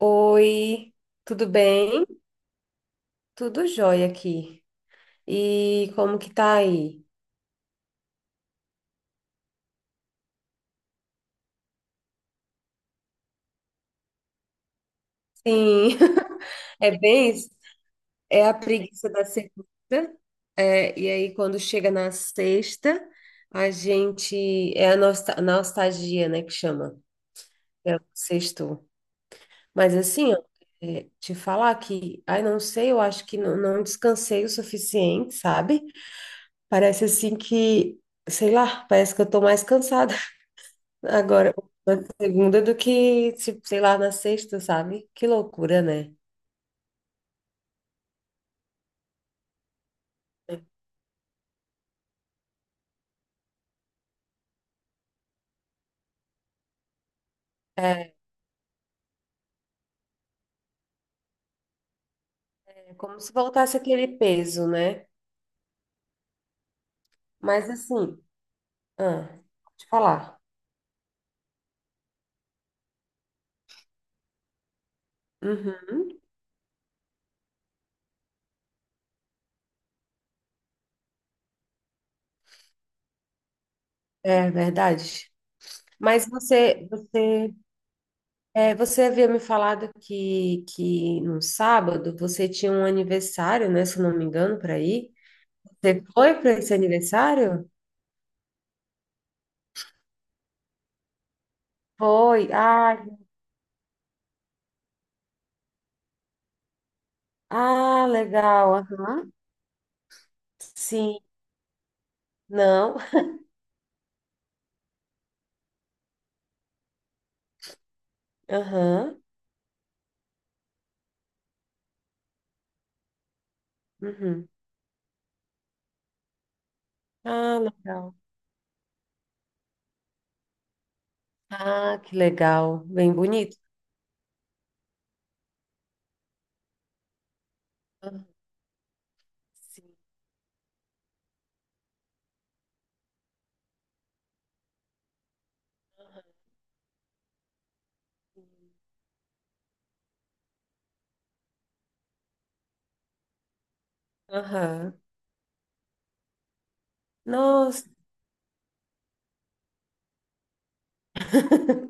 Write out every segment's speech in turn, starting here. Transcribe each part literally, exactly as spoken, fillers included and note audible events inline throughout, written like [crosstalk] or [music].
Oi, tudo bem? Tudo jóia aqui. E como que tá aí? Sim, [laughs] é bem, isso. É a preguiça da segunda. É, e aí quando chega na sexta, a gente é a nosta- nostalgia, né, que chama. É o sexto. Mas assim, ó, é, te falar que, ai, não sei, eu acho que não, não descansei o suficiente, sabe? Parece assim que, sei lá, parece que eu tô mais cansada. Agora, na segunda do que, tipo, sei lá, na sexta, sabe? Que loucura, né? É, é como se voltasse aquele peso, né? Mas assim, ah, vou te falar. Uhum, é verdade. Mas você, você, é, você havia me falado que, que no sábado você tinha um aniversário, né? Se eu não me engano, para ir. Você foi para esse aniversário? Foi. Ah, ah, legal. Aham. Sim. Não. Aham. Uhum. Ah, legal. Ah, que legal. Bem bonito. Ah. Sim. Aham. Nossa, [laughs]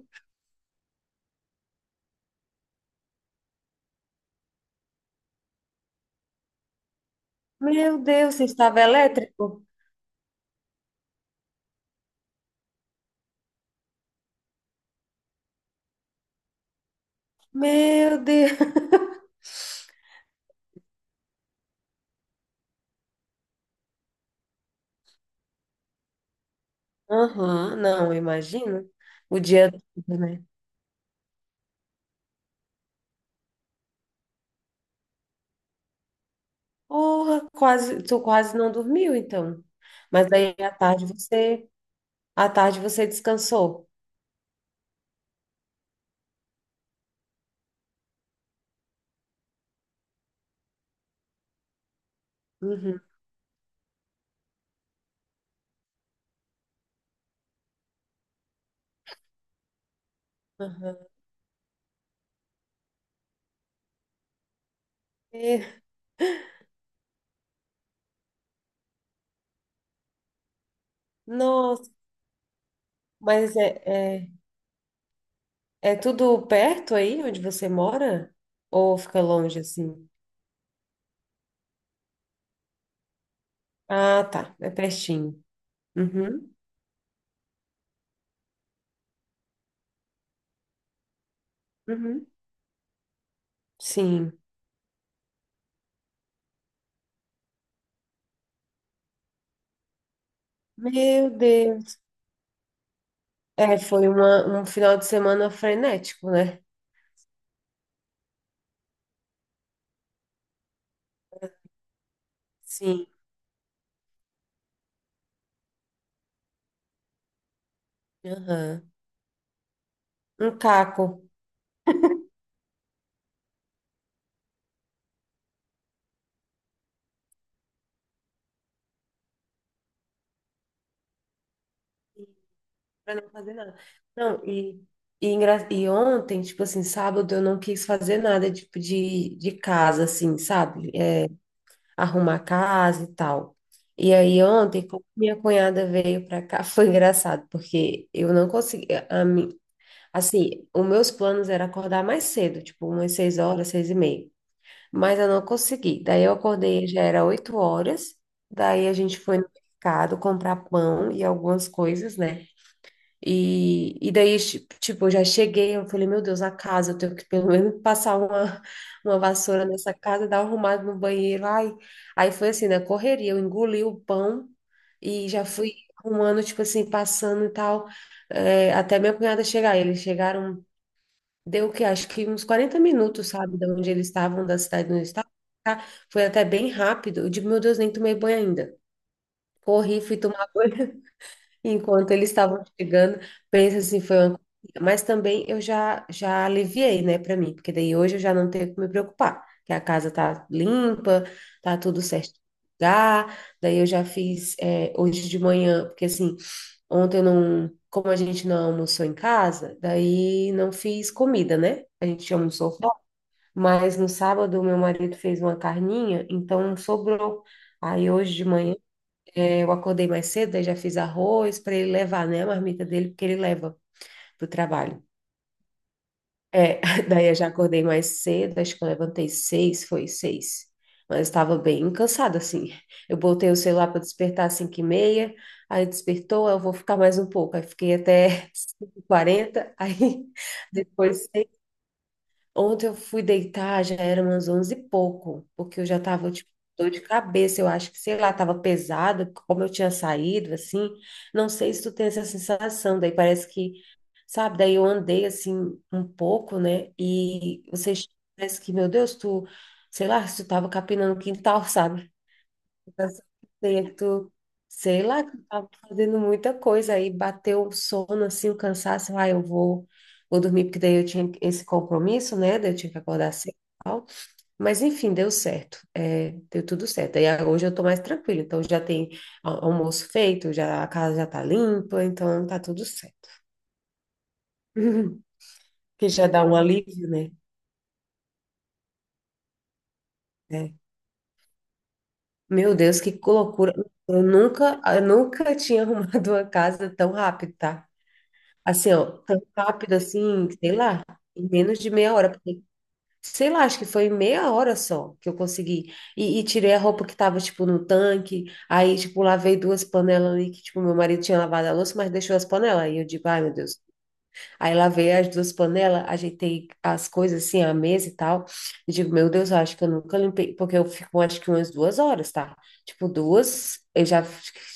meu Deus, você estava elétrico? Meu Deus. [laughs] Aham, não, imagino. O dia todo, né? Porra, quase, tu quase não dormiu, então. Mas aí à tarde você, à tarde você descansou. Uhum. Aham. E- Nossa, mas é, é é tudo perto aí onde você mora? Ou fica longe assim? Ah, tá. É pertinho. Uhum, uhum. Sim. Meu Deus. É, foi uma, um final de semana frenético, né? Sim. Aham. Um caco. Pra não fazer nada. Não, e, e, engra- e ontem, tipo assim, sábado eu não quis fazer nada, tipo, de, de casa, assim, sabe? É, arrumar a casa e tal. E aí ontem, quando minha cunhada veio para cá, [laughs] foi engraçado, porque eu não conseguia, a mim- assim, os meus planos era acordar mais cedo, tipo umas seis horas, seis e meia, mas eu não consegui. Daí eu acordei, já era oito horas, daí a gente foi no mercado comprar pão e algumas coisas, né? E, e daí, chi- tipo, eu já cheguei, eu falei, meu Deus, a casa, eu tenho que pelo menos [laughs] passar uma, uma vassoura nessa casa, dar uma arrumada no banheiro. Ai, aí foi assim, né? Correria, eu engoli o pão e já fui arrumando, tipo assim, passando e tal, é, até minha cunhada chegar. Eles chegaram, deu o quê? Acho que uns quarenta minutos, sabe, de onde eles estavam, da cidade onde eles estavam. Tá? Foi até bem rápido. Eu digo, meu Deus, nem tomei banho ainda. Corri, fui tomar banho. Enquanto eles estavam chegando, pensa assim, foi uma correria. Mas também eu já, já aliviei, né, para mim, porque daí hoje eu já não tenho que me preocupar, que a casa tá limpa, tá tudo certo no lugar. Daí eu já fiz é, hoje de manhã, porque assim, ontem eu não, como a gente não almoçou em casa, daí não fiz comida, né? A gente almoçou fora, mas no sábado meu marido fez uma carninha, então sobrou. Aí hoje de manhã é, eu acordei mais cedo, daí já fiz arroz para ele levar, né, a marmita dele, porque ele leva pro trabalho. É, [laughs] daí eu já acordei mais cedo, acho que eu levantei seis, foi seis. Mas estava bem cansada, assim. Eu botei o celular para despertar às cinco e meia, aí despertou, eu vou ficar mais um pouco. Aí fiquei até [laughs] cinco e quarenta, aí [laughs] depois. Ontem eu fui deitar, já era umas onze e pouco, porque eu já tava, tipo, dor de cabeça, eu acho que, sei lá, tava pesada, como eu tinha saído, assim, não sei se tu tem essa sensação, daí parece que, sabe, daí eu andei, assim, um pouco, né, e você parece que, meu Deus, tu, sei lá, se tu tava capinando o quintal, [laughs] sabe. Certo. Sei lá, que eu tava fazendo muita coisa aí, bateu o sono, assim, o cansaço, ah, eu vou, vou dormir, porque daí eu tinha esse compromisso, né, daí eu tinha que acordar cedo e tal, mas enfim, deu certo, é, deu tudo certo, aí ah, hoje eu tô mais tranquila, então já tem a- almoço feito, já, a casa já tá limpa, então tá tudo certo, [laughs] que já dá um alívio, né. É. Meu Deus, que loucura, eu nunca, eu nunca tinha [laughs] arrumado uma casa tão rápido, tá? Assim, ó, tão rápido assim, sei lá, em menos de meia hora, porque, sei lá, acho que foi meia hora só que eu consegui. E, e tirei a roupa que tava, tipo, no tanque, aí, tipo, lavei duas panelas ali que, tipo, meu marido tinha lavado a louça, mas deixou as panelas. Aí eu digo, ai, meu Deus. Aí lavei as duas panelas, ajeitei as coisas assim, a mesa e tal. E digo, meu Deus, eu acho que eu nunca limpei, porque eu fico acho que umas duas horas, tá? Tipo, duas, eu já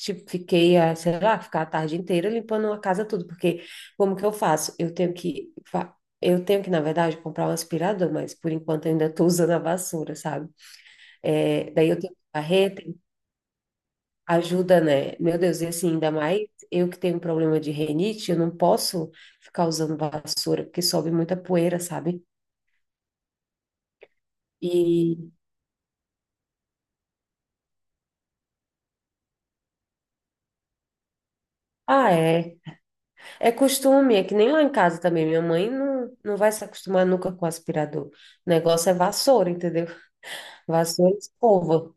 tipo, fiquei, ah, sei lá, ficar a tarde inteira limpando a casa tudo, porque como que eu faço? Eu tenho que, fa- eu tenho que, na verdade, comprar um aspirador, mas por enquanto eu ainda tô usando a vassoura, sabe? É, daí eu tenho que varrer. Ajuda, né? Meu Deus, e assim, ainda mais eu que tenho problema de rinite, eu não posso ficar usando vassoura, porque sobe muita poeira, sabe? E, ah, é. É costume, é que nem lá em casa também. Minha mãe não, não vai se acostumar nunca com aspirador. O negócio é vassoura, entendeu? Vassoura e escova.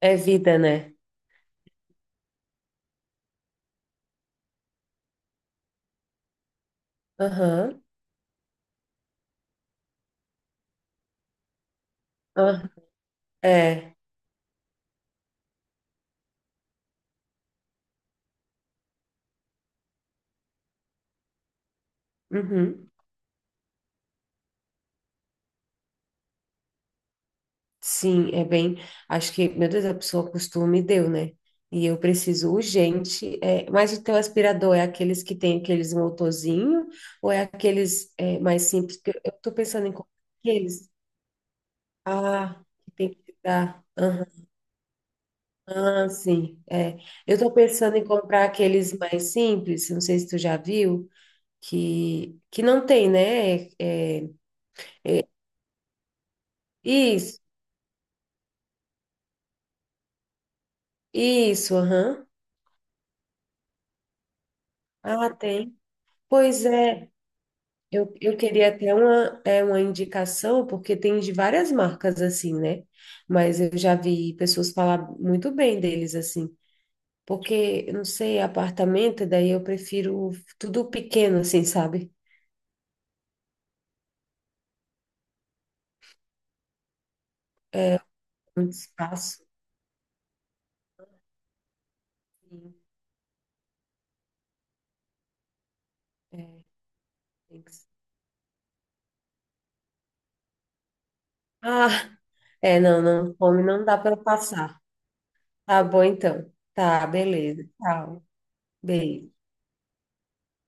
É vida, né? Aham. Ah, é. Uhum. Sim, é bem. Acho que, meu Deus, a pessoa costume deu, né? E eu preciso urgente. é, mas o teu aspirador é aqueles que tem aqueles motorzinho ou é aqueles é, mais simples? Porque eu tô pensando em comprar aqueles. Ah, que tem que dar. Aham, ah, sim. É. Eu tô pensando em comprar aqueles mais simples. Não sei se tu já viu que que não tem, né? É, é, isso, isso. Aham. Ah, tem. Pois é. Eu, eu queria até uma, é, uma indicação, porque tem de várias marcas assim, né? Mas eu já vi pessoas falar muito bem deles assim. Porque, eu não sei, apartamento, daí eu prefiro tudo pequeno, assim, sabe? É, um espaço. É, tem que ser- Ah, é, não, não, fome não dá para passar. Tá bom, então. Tá, beleza. Tchau. Beijo.